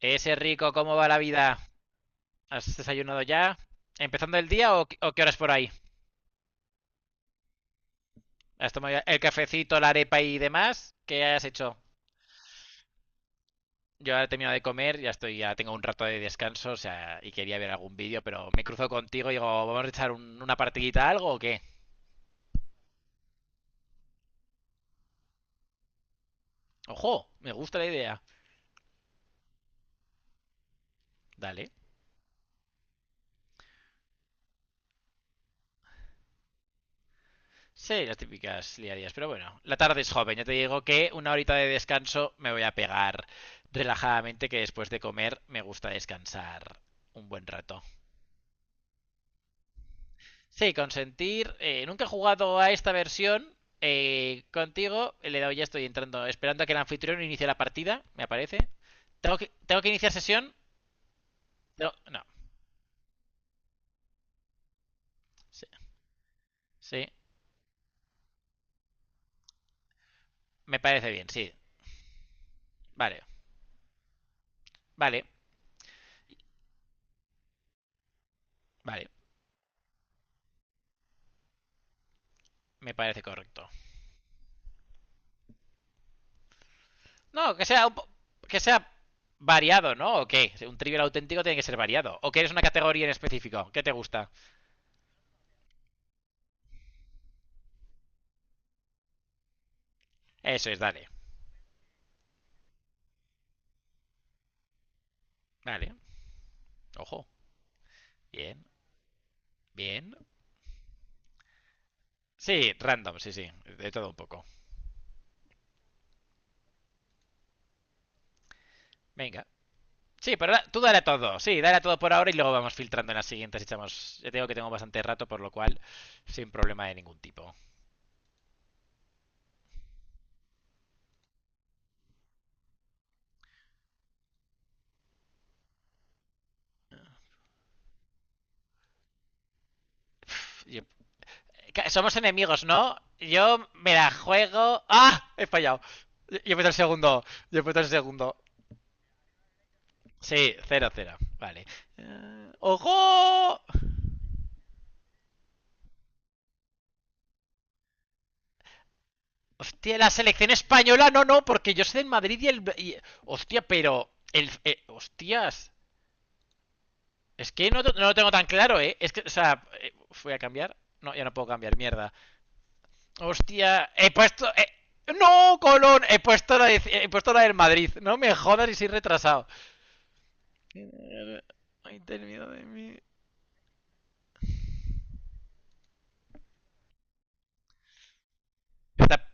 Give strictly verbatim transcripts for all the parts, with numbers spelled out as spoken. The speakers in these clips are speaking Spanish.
Ese rico, ¿cómo va la vida? ¿Has desayunado ya? ¿Empezando el día o qué- o qué horas por ahí? ¿Has tomado el cafecito, la arepa y demás? ¿Qué has hecho? Yo ahora he terminado de comer, ya estoy, ya tengo un rato de descanso, o sea, y quería ver algún vídeo, pero me cruzo contigo y digo, ¿vamos a echar un- una partidita a algo o qué? Ojo, me gusta la idea. Dale. Sí, las típicas liadías, pero bueno, la tarde es joven, ya te digo que una horita de descanso me voy a pegar relajadamente, que después de comer me gusta descansar un buen rato. Sí, consentir. Eh, nunca he jugado a esta versión. Eh, contigo eh, le he dado ya, estoy entrando, esperando a que el anfitrión inicie la partida, me aparece. ¿Tengo que, tengo que iniciar sesión? No, no. Sí, sí, me parece bien, sí. Vale, vale, vale, me parece correcto. No, que sea, un po- que sea variado, ¿no? ¿O qué? Un trivial auténtico tiene que ser variado. ¿O quieres una categoría en específico? ¿Qué te gusta? Eso es, dale. Vale, ojo. Bien, bien. Sí, random, sí, sí, de todo un poco. Venga. Sí, pero da- tú dale a todo. Sí, dale a todo por ahora y luego vamos filtrando en las siguientes. Echamos. Ya tengo que tengo bastante rato, por lo cual, sin problema de ningún tipo. Yo- Somos enemigos, ¿no? Yo me la juego. ¡Ah! He fallado. Yo yo he puesto el segundo. Yo he puesto el segundo. Sí, cero, cero, vale. ¡Eh, ojo! Hostia, la selección española, no, no, porque yo soy del Madrid y el. y- Hostia, pero. El, eh, hostias. Es que no, no lo tengo tan claro, ¿eh? Es que, o sea, eh, fui a cambiar. No, ya no puedo cambiar, mierda. Hostia, he puesto... eh, ¡No, Colón! He puesto, la de- he puesto la del Madrid. No me jodas y soy retrasado. Ay, ten miedo de mí. Esta,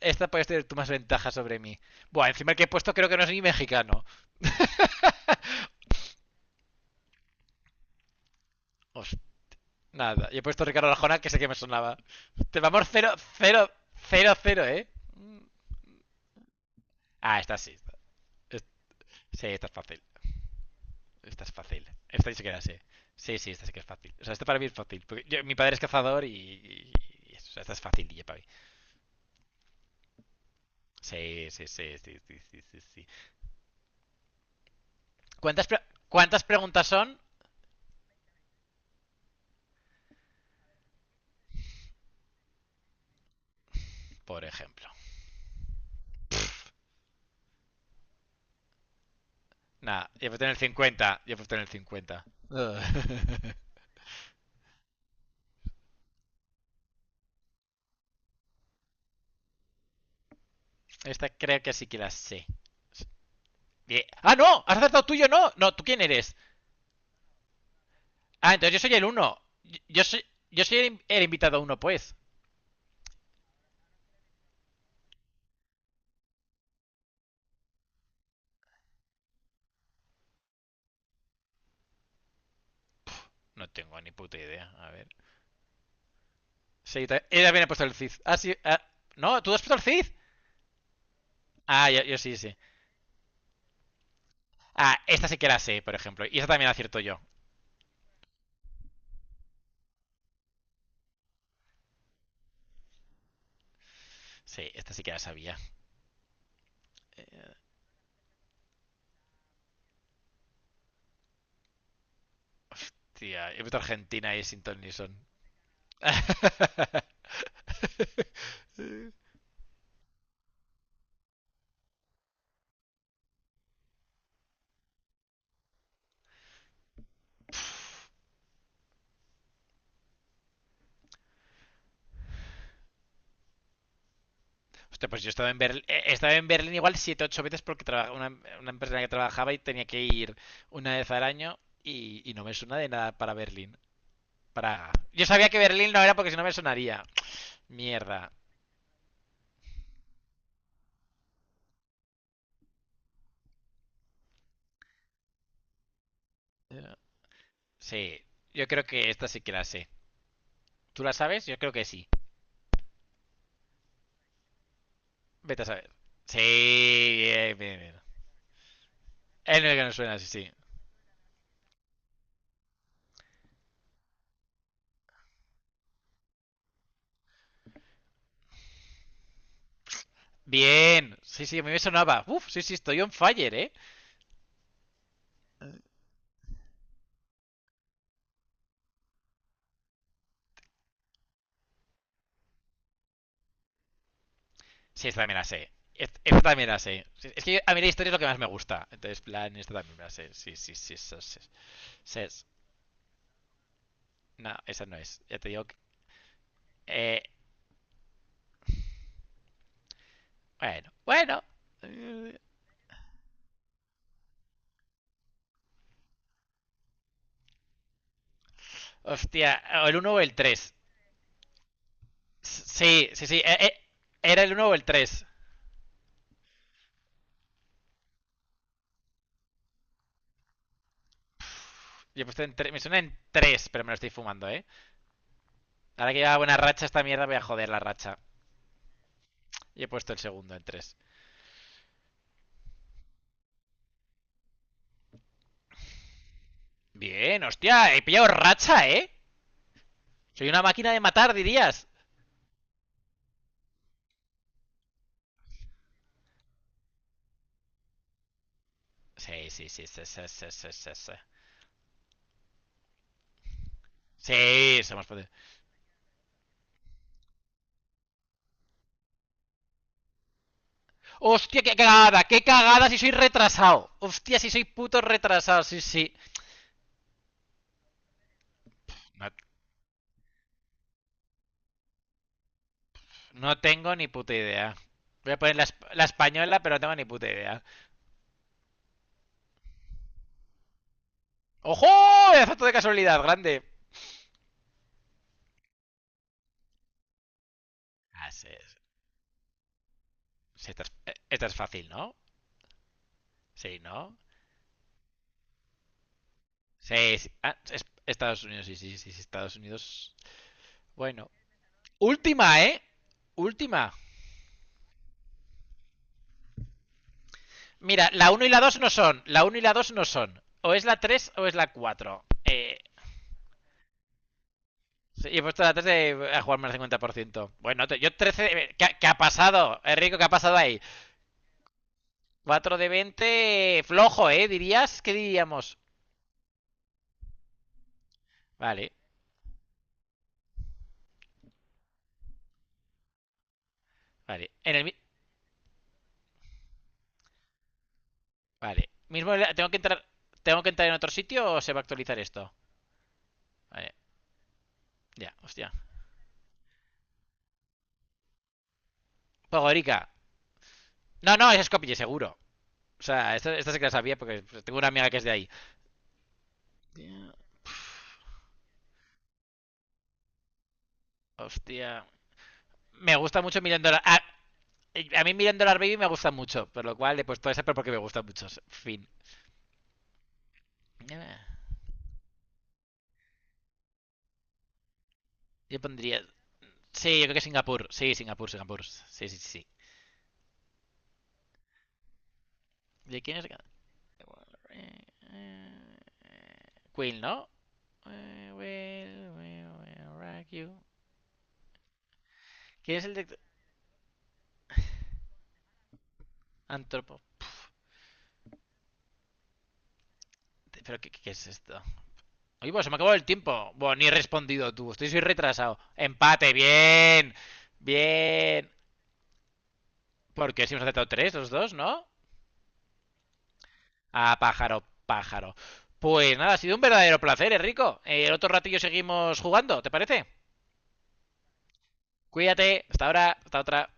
esta puedes tener tú más ventaja sobre mí. Buah, encima el que he puesto creo que no es ni mexicano. Os- Nada, y he puesto Ricardo Arjona que sé que me sonaba. Te vamos cero cero cero cero, ¿eh? Ah, esta sí. Esta- esta, sí, esta es fácil. Esta es fácil. Esta sí que la sé. Sí, sí, esta sí que es fácil. O sea, esto para mí es fácil. Porque yo- mi padre es cazador y. y- y eso. O sea, esta es fácil, D J para mí. Sí, sí, sí, sí, sí, sí, sí, sí. ¿Cuántas, pre- ¿Cuántas preguntas son? Por ejemplo. Nada, yo he puesto en el cincuenta. Yo he puesto en el cincuenta. Esta creo que sí que la sé. Bien. ¡Ah, no! ¿Has acertado tú y yo no? No, ¿tú quién eres? Ah, entonces yo soy el uno. Yo- soy, yo soy el, el invitado uno, pues. No tengo ni puta idea. A ver. Sí, ta- ella también ha puesto el Cid. Ah, sí. Ah, no, ¿tú has puesto el Cid? Ah, yo, yo sí, sí. Ah, esta sí que la sé, por ejemplo. Y esta también la acierto yo. Sí, esta sí que la sabía. Eh, Hostia, he puesto Argentina y Sinton Nixon. Hostia, pues yo estaba en Berlín, eh, estaba en Berlín igual siete, ocho veces porque traba- una, una empresa en la que trabajaba y tenía que ir una vez al año y, y no me suena de nada para Berlín. Para... Yo sabía que Berlín no era porque si no me sonaría. Mierda. Eh, Sí, yo creo que esta sí que la sé. ¿Tú la sabes? Yo creo que sí. Vete a saber. Sí, bien, bien, bien. Es lo que nos suena, sí, sí. Bien, sí, sí, a mí me sonaba. Uf, sí, sí, estoy on fire, ¿eh? Sí, esta también la sé. Est- Esta también la sé. Sí. Es que a mí la historia es lo que más me gusta. Entonces, plan, esta también me la sé. Sí, sí, sí, eso sí. Sí, es- No, esa no es. Ya te digo que... Eh, bueno, bueno. Eh, hostia, o el uno o el tres. Sí, sí, sí. eh, eh, Era el uno o el tres. Yo he puesto en tre- Me suena en tres, pero me lo estoy fumando, ¿eh? Ahora que lleva buena racha esta mierda, voy a joder la racha. Y he puesto el segundo en tres. Bien, hostia, he pillado racha, ¿eh? Soy una máquina de matar, dirías. Sí, sí, sí, sí, sí, sí, sí, sí. Sí, sí somos potentes. Hostia, qué cagada, qué cagada si soy retrasado. Hostia, si soy puto retrasado, sí, sí. No, no tengo ni puta idea. Voy a poner la, esp- la española, pero no tengo ni puta idea. ¡Ojo! Azoto de casualidad, grande. Ah, sí, sí, esta es- eh, esta es fácil, ¿no? Sí, ¿no? Sí, sí. Ah, es- Estados Unidos, sí, sí, sí, sí, Estados Unidos. Bueno. Última, ¿eh? Última. Mira, la uno y la dos no son. La uno y la dos no son. O es la tres o es la cuatro. Eh, sí, he puesto la tres de, a jugarme al cincuenta por ciento. Bueno, te- yo trece. eh, ¿Qué, ha qué ha pasado? Enrico, ¿qué ha pasado ahí? Cuatro de veinte. Flojo, ¿eh? ¿Dirías? ¿Qué diríamos? Vale, vale. En el... mi- Vale. Mismo... ¿Tengo que entrar, tengo que entrar en otro sitio o se va a actualizar esto? Vale. Ya, hostia. Pogorica, no, no, es Skopje, seguro. O sea, esta, esta sí que la sabía porque tengo una amiga que es de ahí. Hostia. Me gusta mucho Million Dollar... A, a mí Million Dollar Baby me gusta mucho, por lo cual he puesto esa pero porque me gusta mucho. Fin. Yo pondría... Sí, yo creo que Singapur. Sí, Singapur, Singapur. Sí, sí, sí, sí. ¿De quién es? Queen, ¿no? I will, will, will rock you. ¿Quién es el de... Antropo... ¿Pero qué, qué es esto? Oye, pues se me acabó el tiempo. Bueno, ni he respondido tú. Estoy soy retrasado. Empate, bien. Bien. Porque si hemos aceptado tres, los dos, ¿no? Ah, pájaro, pájaro. Pues nada, ha sido un verdadero placer, Enrico. Eh, el otro ratillo seguimos jugando, ¿te parece? Cuídate. Hasta ahora. Hasta otra.